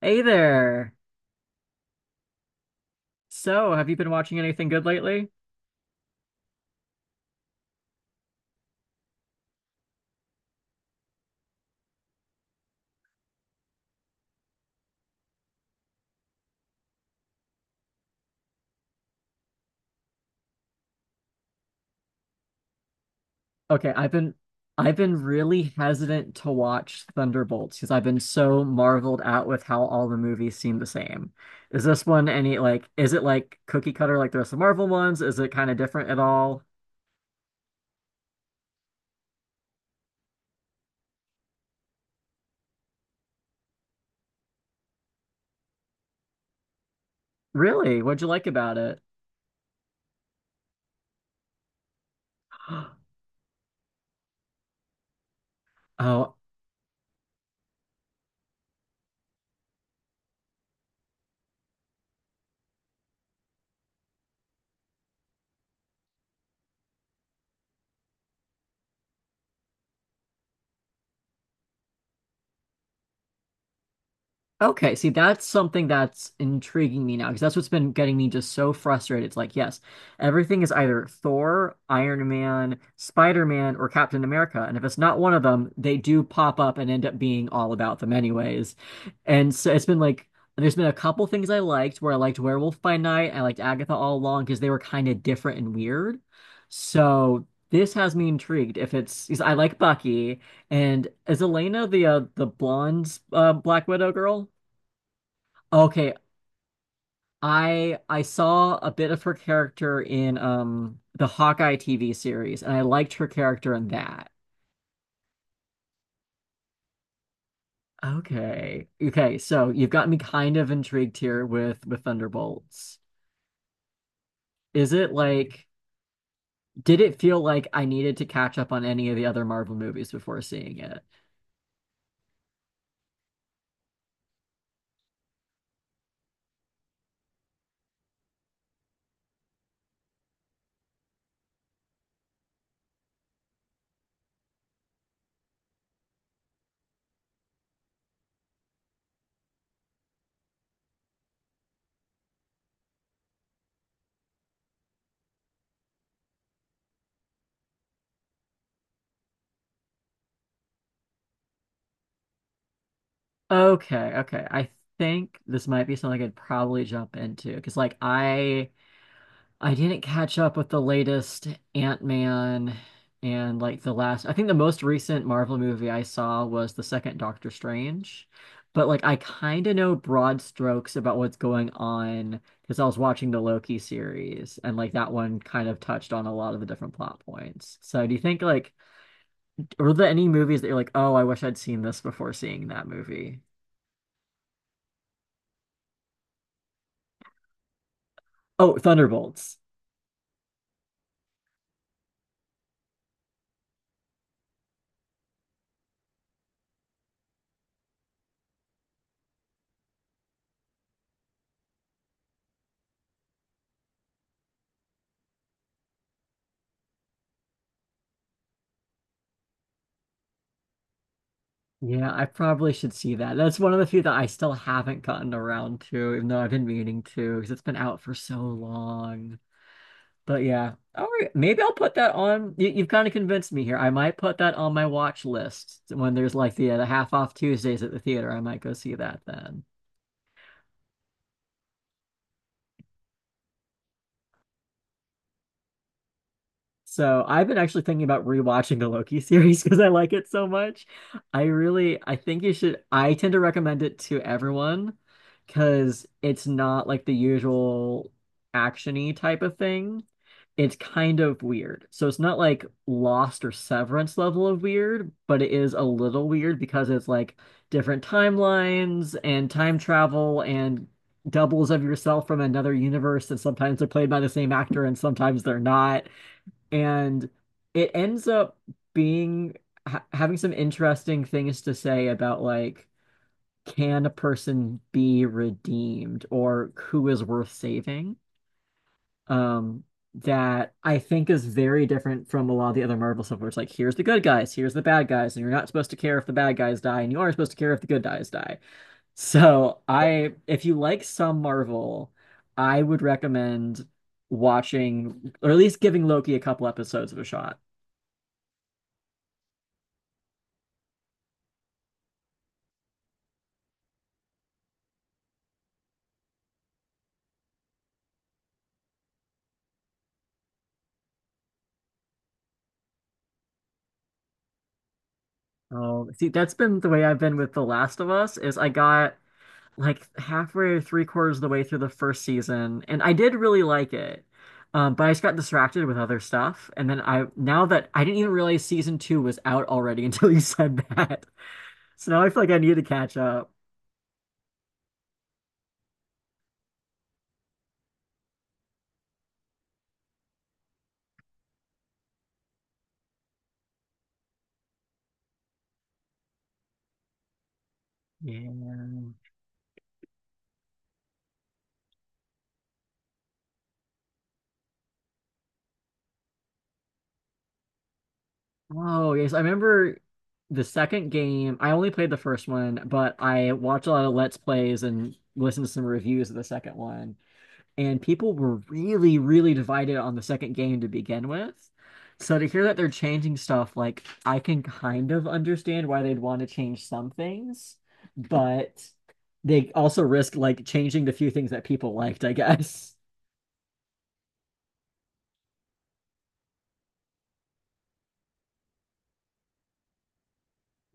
Hey there. So, have you been watching anything good lately? Okay, I've been I've been really hesitant to watch Thunderbolts because I've been so marveled at with how all the movies seem the same. Is this one any is it like cookie cutter like the rest of Marvel ones? Is it kind of different at all? Really? What'd you like about it? Oh. Okay, see, that's something that's intriguing me now because that's what's been getting me just so frustrated. It's like, yes, everything is either Thor, Iron Man, Spider-Man, or Captain America. And if it's not one of them, they do pop up and end up being all about them anyways. And so it's there's been a couple things I liked where I liked Werewolf by Night, I liked Agatha All Along because they were kind of different and weird. So this has me intrigued. If it's, 'Cause I like Bucky. And is Elena the blonde Black Widow girl? Okay, I saw a bit of her character in the Hawkeye TV series, and I liked her character in that. Okay. Okay, so you've got me kind of intrigued here with Thunderbolts. Is it like did it feel like I needed to catch up on any of the other Marvel movies before seeing it? Okay, okay. I think this might be something I'd probably jump into because I didn't catch up with the latest Ant-Man and like the last, I think the most recent Marvel movie I saw was the second Doctor Strange. But like I kind of know broad strokes about what's going on because I was watching the Loki series and like that one kind of touched on a lot of the different plot points. So do you think were there any movies that you're like, "Oh, I wish I'd seen this before seeing that movie?" Oh, Thunderbolts. Yeah, I probably should see that. That's one of the few that I still haven't gotten around to, even though I've been meaning to, because it's been out for so long. But yeah, all right, maybe I'll put that on. You've kind of convinced me here. I might put that on my watch list when there's like the half off Tuesdays at the theater. I might go see that then. So I've been actually thinking about rewatching the Loki series because I like it so much. I think you should, I tend to recommend it to everyone because it's not like the usual action-y type of thing. It's kind of weird. So it's not like Lost or Severance level of weird, but it is a little weird because it's like different timelines and time travel and doubles of yourself from another universe and sometimes they're played by the same actor and sometimes they're not and it ends up being ha having some interesting things to say about like can a person be redeemed or who is worth saving? Um, that I think is very different from a lot of the other Marvel stuff where it's like here's the good guys, here's the bad guys, and you're not supposed to care if the bad guys die, and you are supposed to care if the good guys die. If you like some Marvel, I would recommend watching, or at least giving Loki a couple episodes of a shot. Oh, see, that's been the way I've been with The Last of Us is I got like halfway or three-quarters of the way through the first season, and I did really like it. But I just got distracted with other stuff, and then I now that I didn't even realize season two was out already until you said that. So now I feel like I need to catch up. Yeah. Oh, yes. I remember the second game. I only played the first one, but I watched a lot of Let's Plays and listened to some reviews of the second one. And people were really, really divided on the second game to begin with. So to hear that they're changing stuff, like I can kind of understand why they'd want to change some things, but they also risk like changing the few things that people liked, I guess.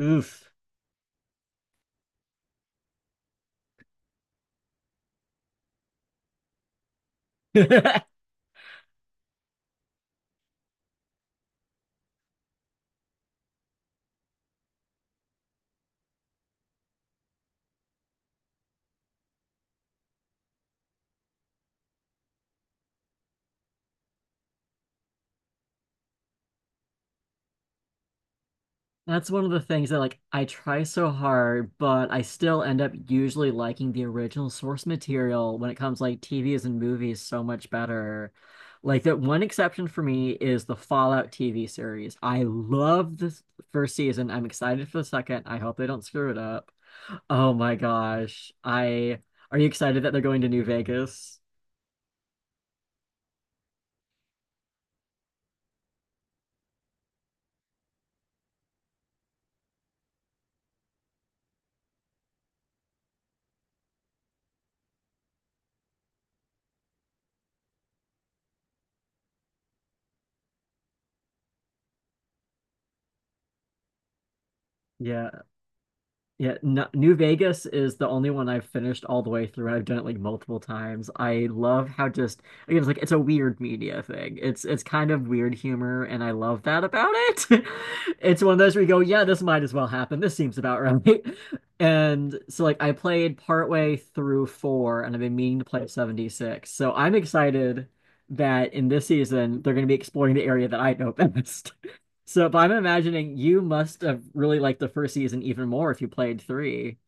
Oof. That's one of the things that like I try so hard, but I still end up usually liking the original source material when it comes like TVs and movies so much better. Like that one exception for me is the Fallout TV series. I love this first season. I'm excited for the second. I hope they don't screw it up. Oh my gosh. I Are you excited that they're going to New Vegas? Yeah. Yeah, no, New Vegas is the only one I've finished all the way through, and I've done it like multiple times. I love how just again, it's like it's a weird media thing. It's kind of weird humor, and I love that about it. It's one of those where you go, yeah, this might as well happen. This seems about right. And so like I played partway through four, and I've been meaning to play 76. So I'm excited that in this season they're going to be exploring the area that I know best. So, but I'm imagining you must have really liked the first season even more if you played three.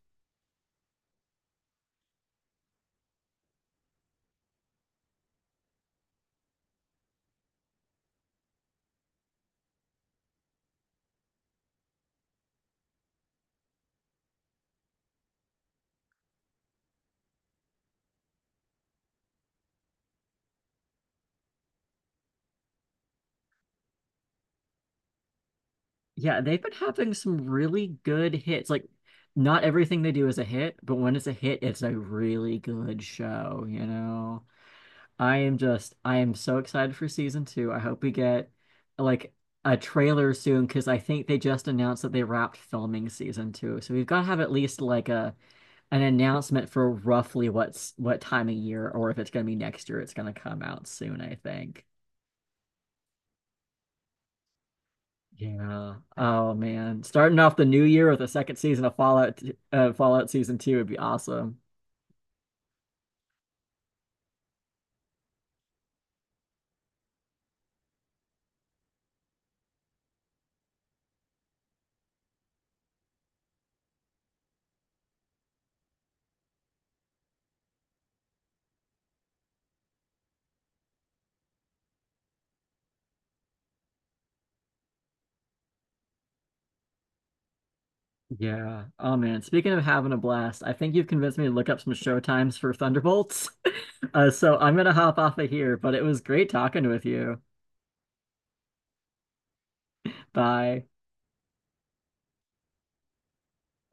Yeah, they've been having some really good hits. Like, not everything they do is a hit, but when it's a hit, it's a really good show, you know? I am so excited for season two. I hope we get like a trailer soon because I think they just announced that they wrapped filming season two. So we've got to have at least like a an announcement for roughly what time of year or if it's going to be next year it's going to come out soon I think. Yeah, oh man, starting off the new year with the second season of fallout, fallout season 2 would be awesome. Yeah, oh man, speaking of having a blast, I think you've convinced me to look up some show times for Thunderbolts. So I'm going to hop off of here, but it was great talking with you. Bye.